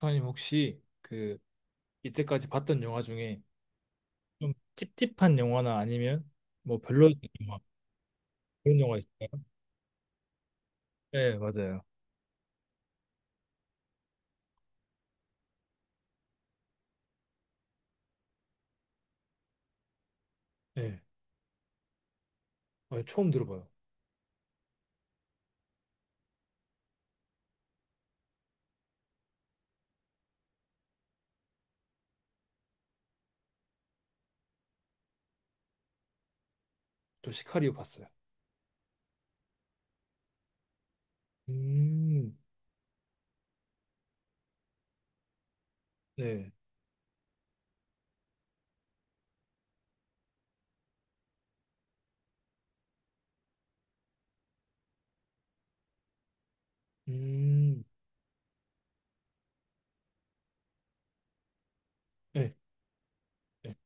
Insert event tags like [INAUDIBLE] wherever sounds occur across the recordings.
선생님 혹시 그 이때까지 봤던 영화 중에 좀 찝찝한 영화나 아니면 뭐 별로 영화 그런 영화 있을까요? 네, 맞아요. 네, 아니, 처음 들어봐요. 저 시카리오 봤어요. 음, 네, 음, 네, 네,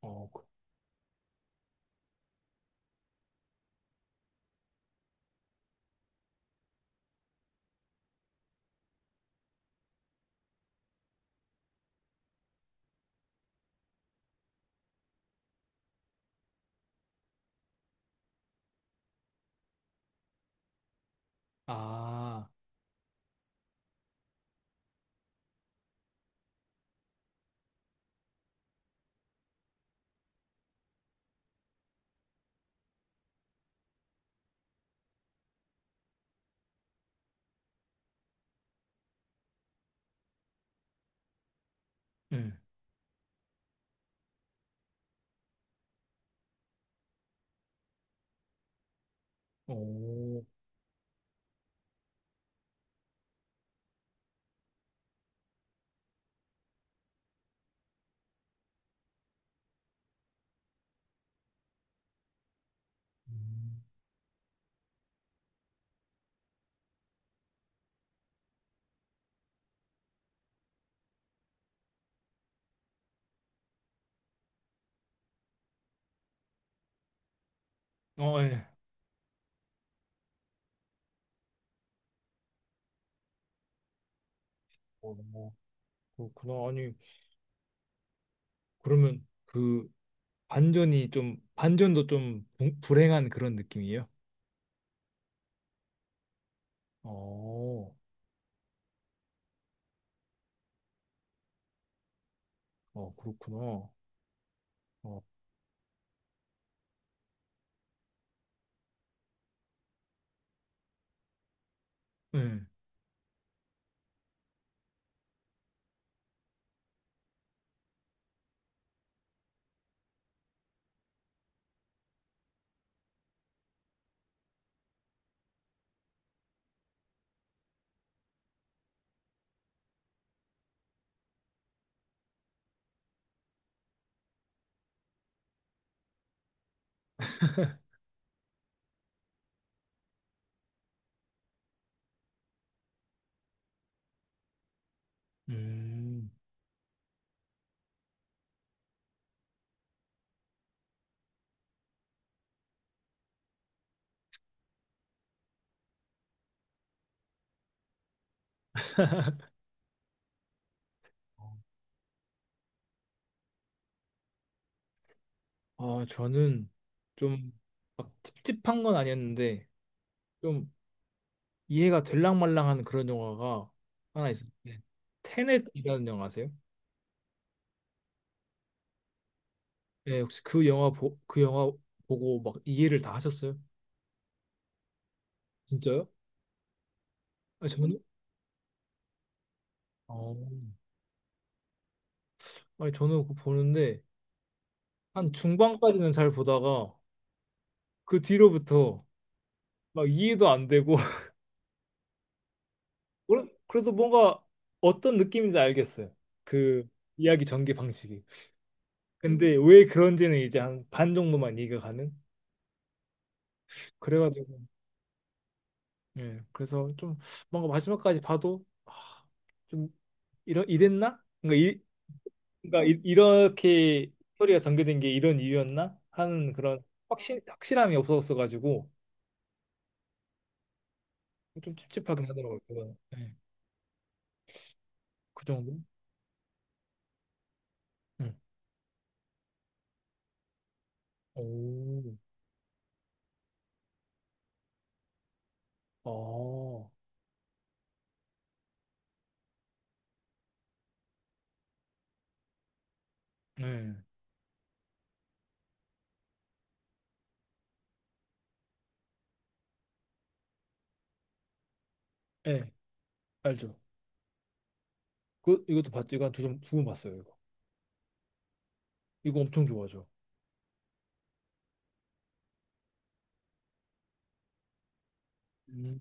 어, 그- 아, 네, 오, 음. 어, 예, 어, 뭐, 그렇구나. 아니, 그러면 그 반전이 좀 반전도 좀 불행한 그런 느낌이에요? 어, 어, 그렇구나. 어, 네. 음. 아, 저는 좀 막 찝찝한 건 아니었는데 좀 이해가 될랑말랑한 그런 영화가 하나 있어요. 네. 테넷이라는 영화 아세요? 네, 혹시 그 영화 보, 그 영화 보고 막 이해를 다 하셨어요? 진짜요? 아니, 저는 어. 아니, 저는 그거 보는데 한 중반까지는 잘 보다가 그 뒤로부터 막 이해도 안 되고 [LAUGHS] 그래서 뭔가 어떤 느낌인지 알겠어요. 그 이야기 전개 방식이. 근데 왜 그런지는 이제 한 반 정도만 이해가 가는? 그래가지고 예, 그래서 좀 뭔가 마지막까지 봐도 아, 좀 이러 이랬나? 그러니까 이렇게 스토리가 전개된 게 이런 이유였나? 하는 그런 확신 확실함이 없었어가지고 좀 찝찝하긴 하더라고요. 그거는. 예, 그 정도? 응. 오, 아, 네, 네 알죠. 그 이것도 봤죠. 이거 한 두번 봤어요. 이거 이거 엄청 좋아하죠. 음,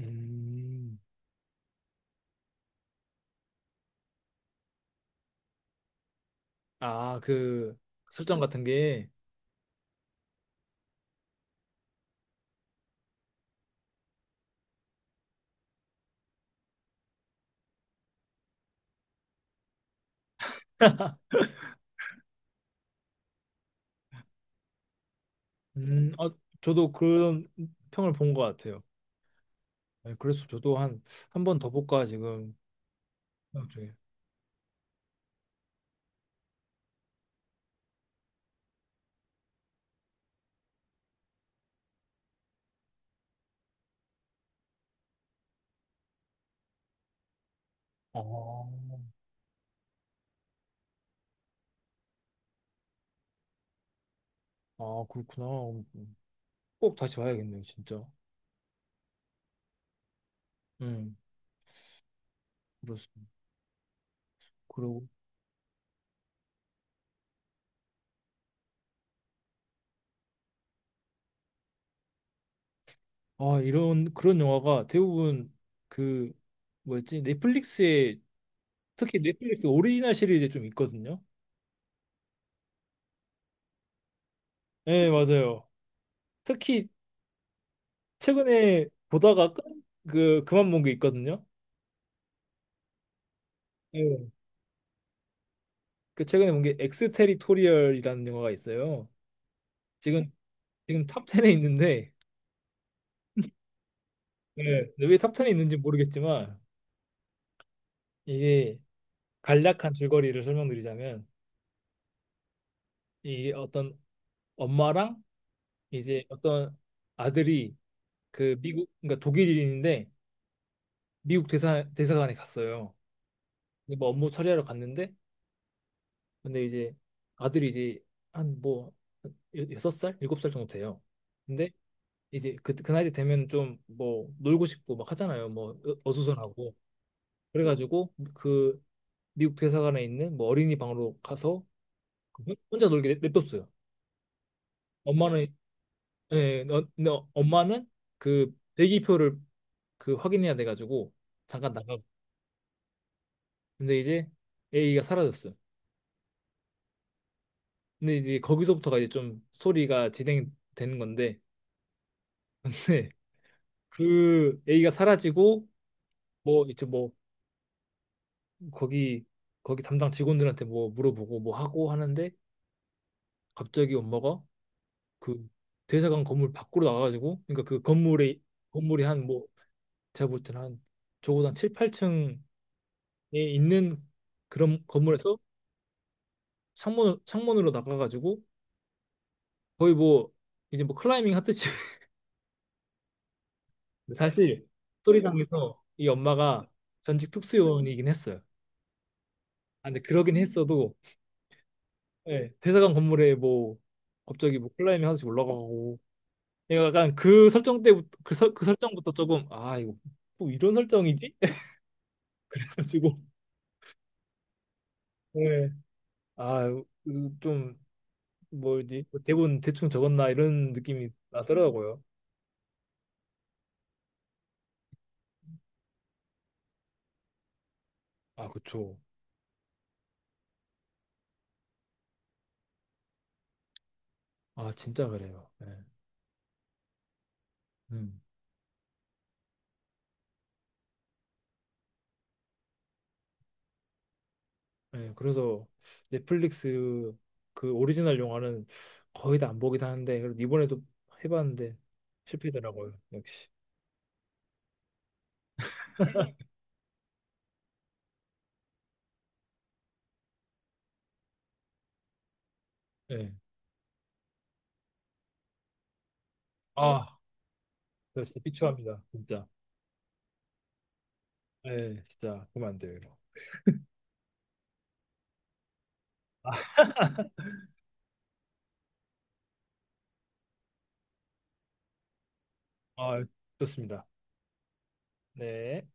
음. 아, 그 설정 같은 게, 어, 저도 그런 평을 본 것 같아요. 네, 그래서 저도 한, 한 번 더 볼까 지금 생각 중에. 아, 아, 그렇구나. 어, 꼭 다시 봐야겠네요, 진짜. 음, 그렇습니다. 그리고, 아, 이런, 그런 영화가 대부분 그, 뭐였지? 넷플릭스에, 특히 넷플릭스 오리지널 시리즈에 좀 있거든요. 네, 맞아요. 특히 최근에 보다가 끝, 그, 그만 본 게 있거든요. 네. 그 최근에 본 게 엑스테리토리얼이라는 영화가 있어요. 지금 지금 탑 10에 있는데 네. 근데 왜탑 10에 있는지 모르겠지만 이게 간략한 줄거리를 설명드리자면 이게 어떤 엄마랑 이제 어떤 아들이 그 미국 그러니까 독일인인데 미국 대사관에 갔어요. 근데 뭐 업무 처리하러 갔는데 근데 이제 아들이 이제 한 뭐 여섯 살 일곱 살 정도 돼요. 근데 이제 그 나이 되면 좀 뭐 놀고 싶고 막 하잖아요. 뭐 어수선하고. 그래가지고 그 미국 대사관에 있는 뭐 어린이 방으로 가서 그 혼- 자 놀게 냅- 냅뒀어요. 엄마는 예, 엄마는 그 대기표를 그 확인해야 돼가지고 잠깐 나가고. 근데 이제 A가 사라졌어요. 근데 이제 거기서부터가 이제 좀 스토리가 진행되는 건데 [LAUGHS] 네, 그 A가 사라지고 뭐 이제 뭐 거기 거기 담당 직원들한테 뭐 물어보고 뭐 하고 하는데 갑자기 엄마가 그 대사관 건물 밖으로 나가가지고 그러니까 그 건물에 건물이 한 뭐 제가 볼 때는 한 적어도 한 7, 8층에 있는 그런 건물에서 창문으로 나가가지고 거의 뭐 이제 뭐 클라이밍 하듯이 [LAUGHS] 사실 소리장에서 이 엄마가 전직 특수요원이긴 했어요. 아, 근데 그러긴 했어도 예, 대사관 건물에 뭐 갑자기 뭐 클라이밍 하듯이 올라가고 내가 약간 그 설정 때부터 그 설정부터 조금 아 이거 뭐 이런 설정이지? 가지고 네. 아, 좀 뭐지? 대본 대충 적었나 이런 느낌이 나더라고요. 아, 그쵸. 아, 진짜 그래요. 예 음. 예 그래서 넷플릭스 그 오리지널 영화는 거의 다 안 보긴 하는데 그래도 이번에도 해봤는데 실패더라고요. 역시. 예 아, 저 진짜 비추합니다. 진짜. 네, 진짜 그러면 안 돼요. 이거. 아, 좋습니다. 네.